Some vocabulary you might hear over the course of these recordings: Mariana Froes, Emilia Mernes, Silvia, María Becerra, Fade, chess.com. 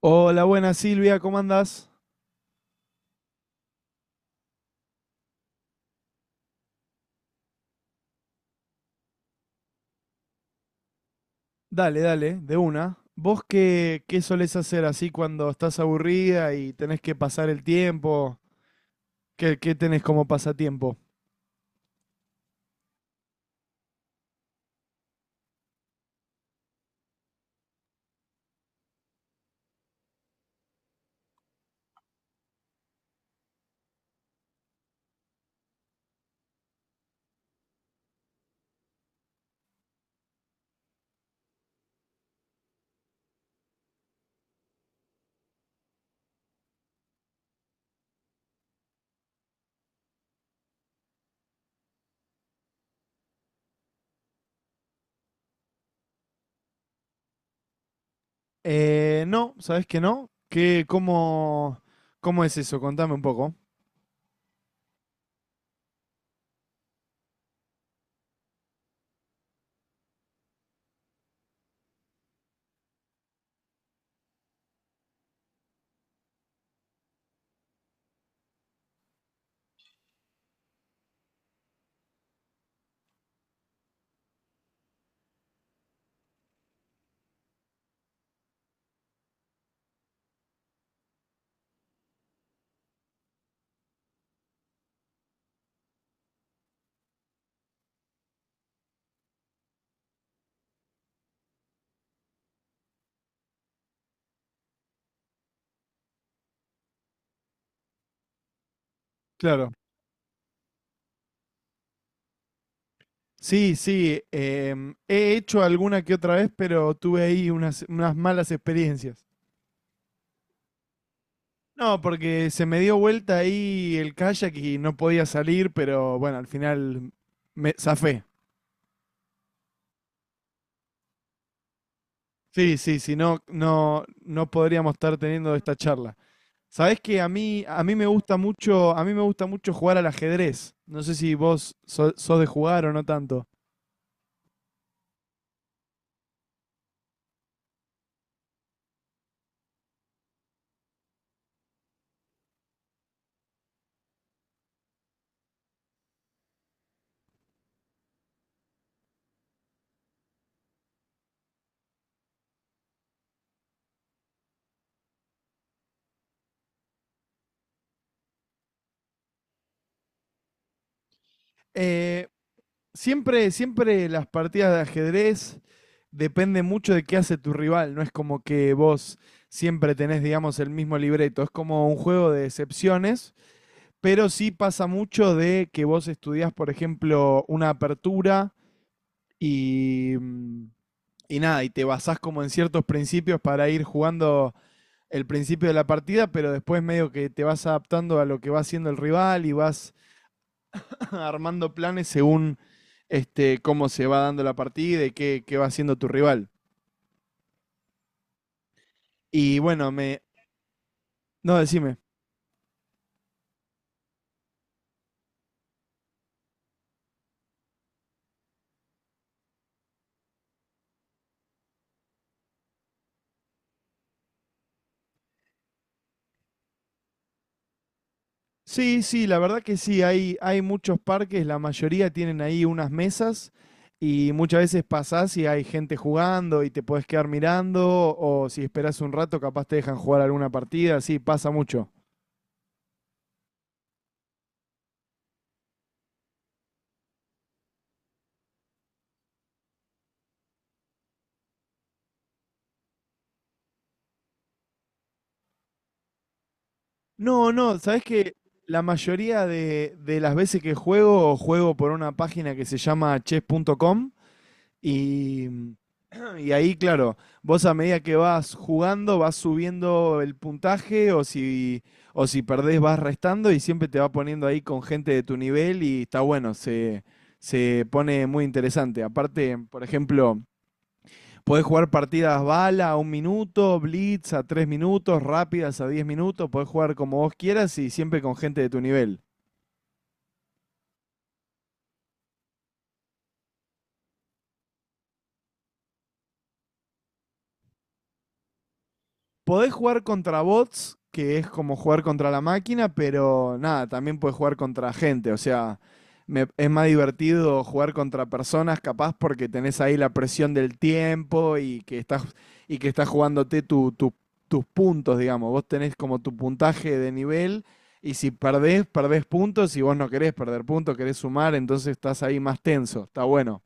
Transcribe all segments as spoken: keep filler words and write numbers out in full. Hola, buenas Silvia, ¿cómo andás? Dale, dale, de una. ¿Vos qué, qué solés hacer así cuando estás aburrida y tenés que pasar el tiempo? ¿Qué, qué tenés como pasatiempo? Eh, no, ¿sabés que no? ¿Qué, cómo, cómo es eso? Contame un poco. Claro. Sí, sí, em, he hecho alguna que otra vez, pero tuve ahí unas, unas malas experiencias. No, porque se me dio vuelta ahí el kayak y no podía salir, pero bueno, al final me zafé. Sí, sí, si no, no, no podríamos estar teniendo esta charla. Sabés que a mí, a mí me gusta mucho, a mí me gusta mucho jugar al ajedrez. No sé si vos so- sos de jugar o no tanto. Eh, siempre, siempre las partidas de ajedrez depende mucho de qué hace tu rival. No es como que vos siempre tenés, digamos, el mismo libreto. Es como un juego de excepciones, pero sí pasa mucho de que vos estudiás, por ejemplo, una apertura y mm, y nada, y te basás como en ciertos principios para ir jugando el principio de la partida, pero después medio que te vas adaptando a lo que va haciendo el rival y vas armando planes según este, cómo se va dando la partida y qué, qué va haciendo tu rival. Y bueno, me... No, decime. Sí, sí, la verdad que sí, hay, hay muchos parques, la mayoría tienen ahí unas mesas y muchas veces pasás y hay gente jugando y te podés quedar mirando o si esperás un rato capaz te dejan jugar alguna partida, sí, pasa mucho. No, no, sabes que la mayoría de, de las veces que juego, juego por una página que se llama chess punto com y, mm, y ahí, claro, vos a medida que vas jugando vas subiendo el puntaje o si, o si perdés vas restando y siempre te va poniendo ahí con gente de tu nivel y está bueno, se, se pone muy interesante. Aparte, por ejemplo, podés jugar partidas bala a un minuto, blitz a tres minutos, rápidas a diez minutos, podés jugar como vos quieras y siempre con gente de tu nivel. Podés jugar contra bots, que es como jugar contra la máquina, pero nada, también podés jugar contra gente. O sea, me- es más divertido jugar contra personas, capaz, porque tenés ahí la presión del tiempo y que estás, y que estás jugándote tu- tu- tus puntos, digamos. Vos tenés como tu puntaje de nivel. Y si perdés, perdés puntos. Si vos no querés perder puntos, querés sumar, entonces estás ahí más tenso. Está bueno.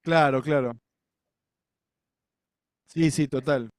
Claro, claro. Sí, sí, total.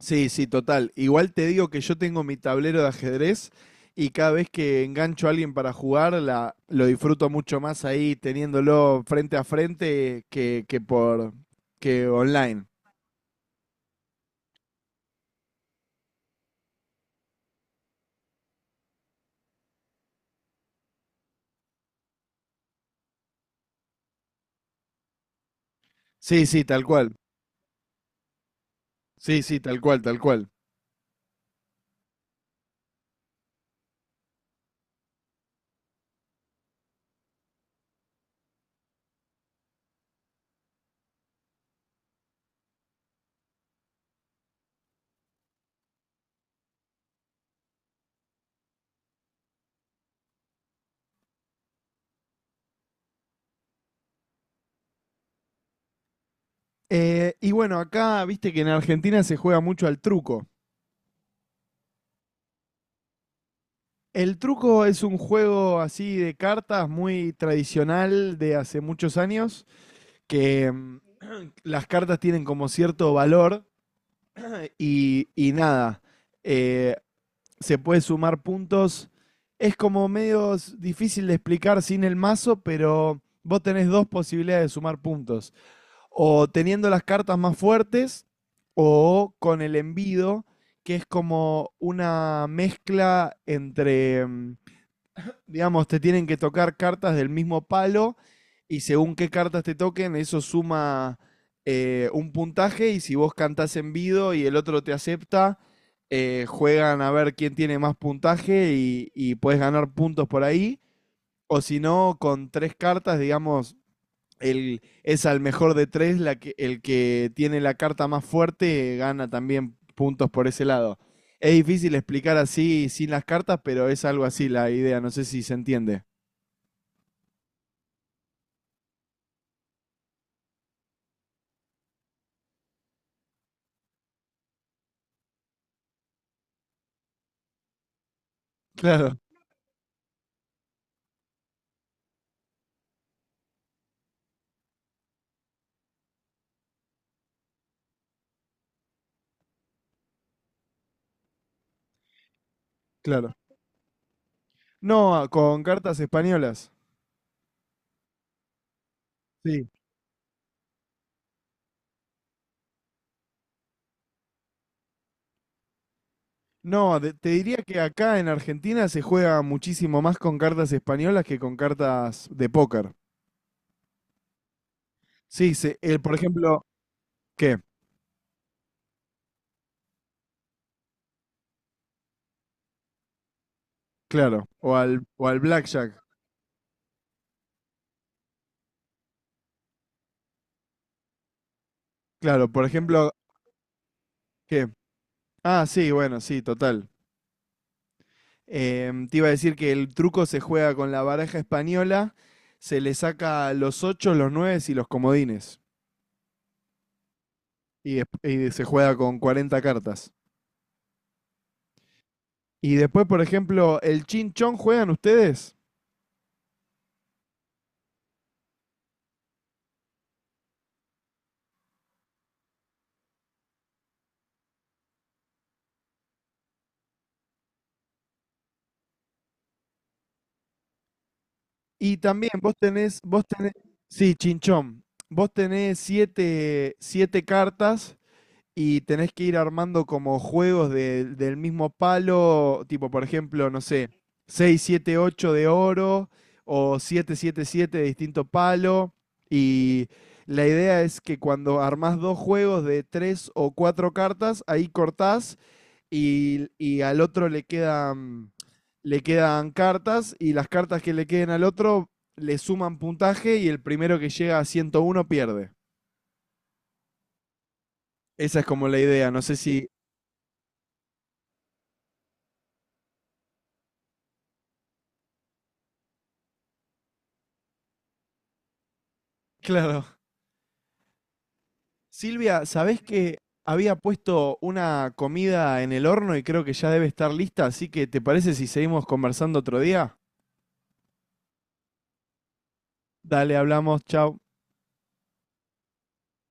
Sí, sí, total. Igual te digo que yo tengo mi tablero de ajedrez y cada vez que engancho a alguien para jugar, la, lo disfruto mucho más ahí teniéndolo frente a frente que, que por que online. Sí, sí, tal cual. Sí, sí, tal cual, tal cual. Eh, y bueno, acá viste que en Argentina se juega mucho al truco. El truco es un juego así de cartas muy tradicional de hace muchos años, que mm, las cartas tienen como cierto valor. Y, y nada, eh, se puede sumar puntos. Es como medio s- difícil de explicar sin el mazo, pero vos tenés dos posibilidades de sumar puntos. O teniendo las cartas más fuertes o con el envido, que es como una mezcla entre mm, digamos, te tienen que tocar cartas del mismo palo y según qué cartas te toquen, eso suma eh, un puntaje y si vos cantás en vivo y el otro te acepta, eh, juegan a ver quién tiene más puntaje y, y puedes ganar puntos por ahí. O si no, con tres cartas, digamos, el, es al mejor de tres, la que, el que tiene la carta más fuerte eh, gana también puntos por ese lado. Es difícil explicar así sin las cartas, pero es algo así la idea, no sé si se entiende. Claro, claro. No, a- con cartas españolas. Sí. No, de- te diría que acá en Argentina se juega muchísimo más con cartas españolas que con cartas de póker. Sí, se, el, por ejemplo, ¿qué? Claro, o al, o al blackjack. Claro, por ejemplo, ¿qué? Ah, sí, bueno, sí, total. Em, te iba a decir que el truco se juega con la baraja española, se le saca los ocho, los nueve y los comodines. Y, desp- y se juega con cuarenta cartas. Y después, por ejemplo, el chinchón juegan ustedes. Y también vos tenés, vos tenés, sí, chinchón. Vos tenés siete, siete cartas y tenés que ir armando como juegos de- del mismo palo, tipo, por ejemplo, no sé, seis siete ocho de oro o siete siete siete de distinto palo. Y la idea es que cuando armás dos juegos de tres o cuatro cartas, ahí cortás y, y al otro le quedan, le quedan cartas y las cartas que le queden al otro le suman puntaje y el primero que llega a ciento uno pierde. Esa es como la idea, no sé si... Claro. Silvia, ¿sabés que había puesto una comida en el horno y creo que ya debe estar lista? Así que, ¿te parece si seguimos conversando otro día? Dale, hablamos, chao.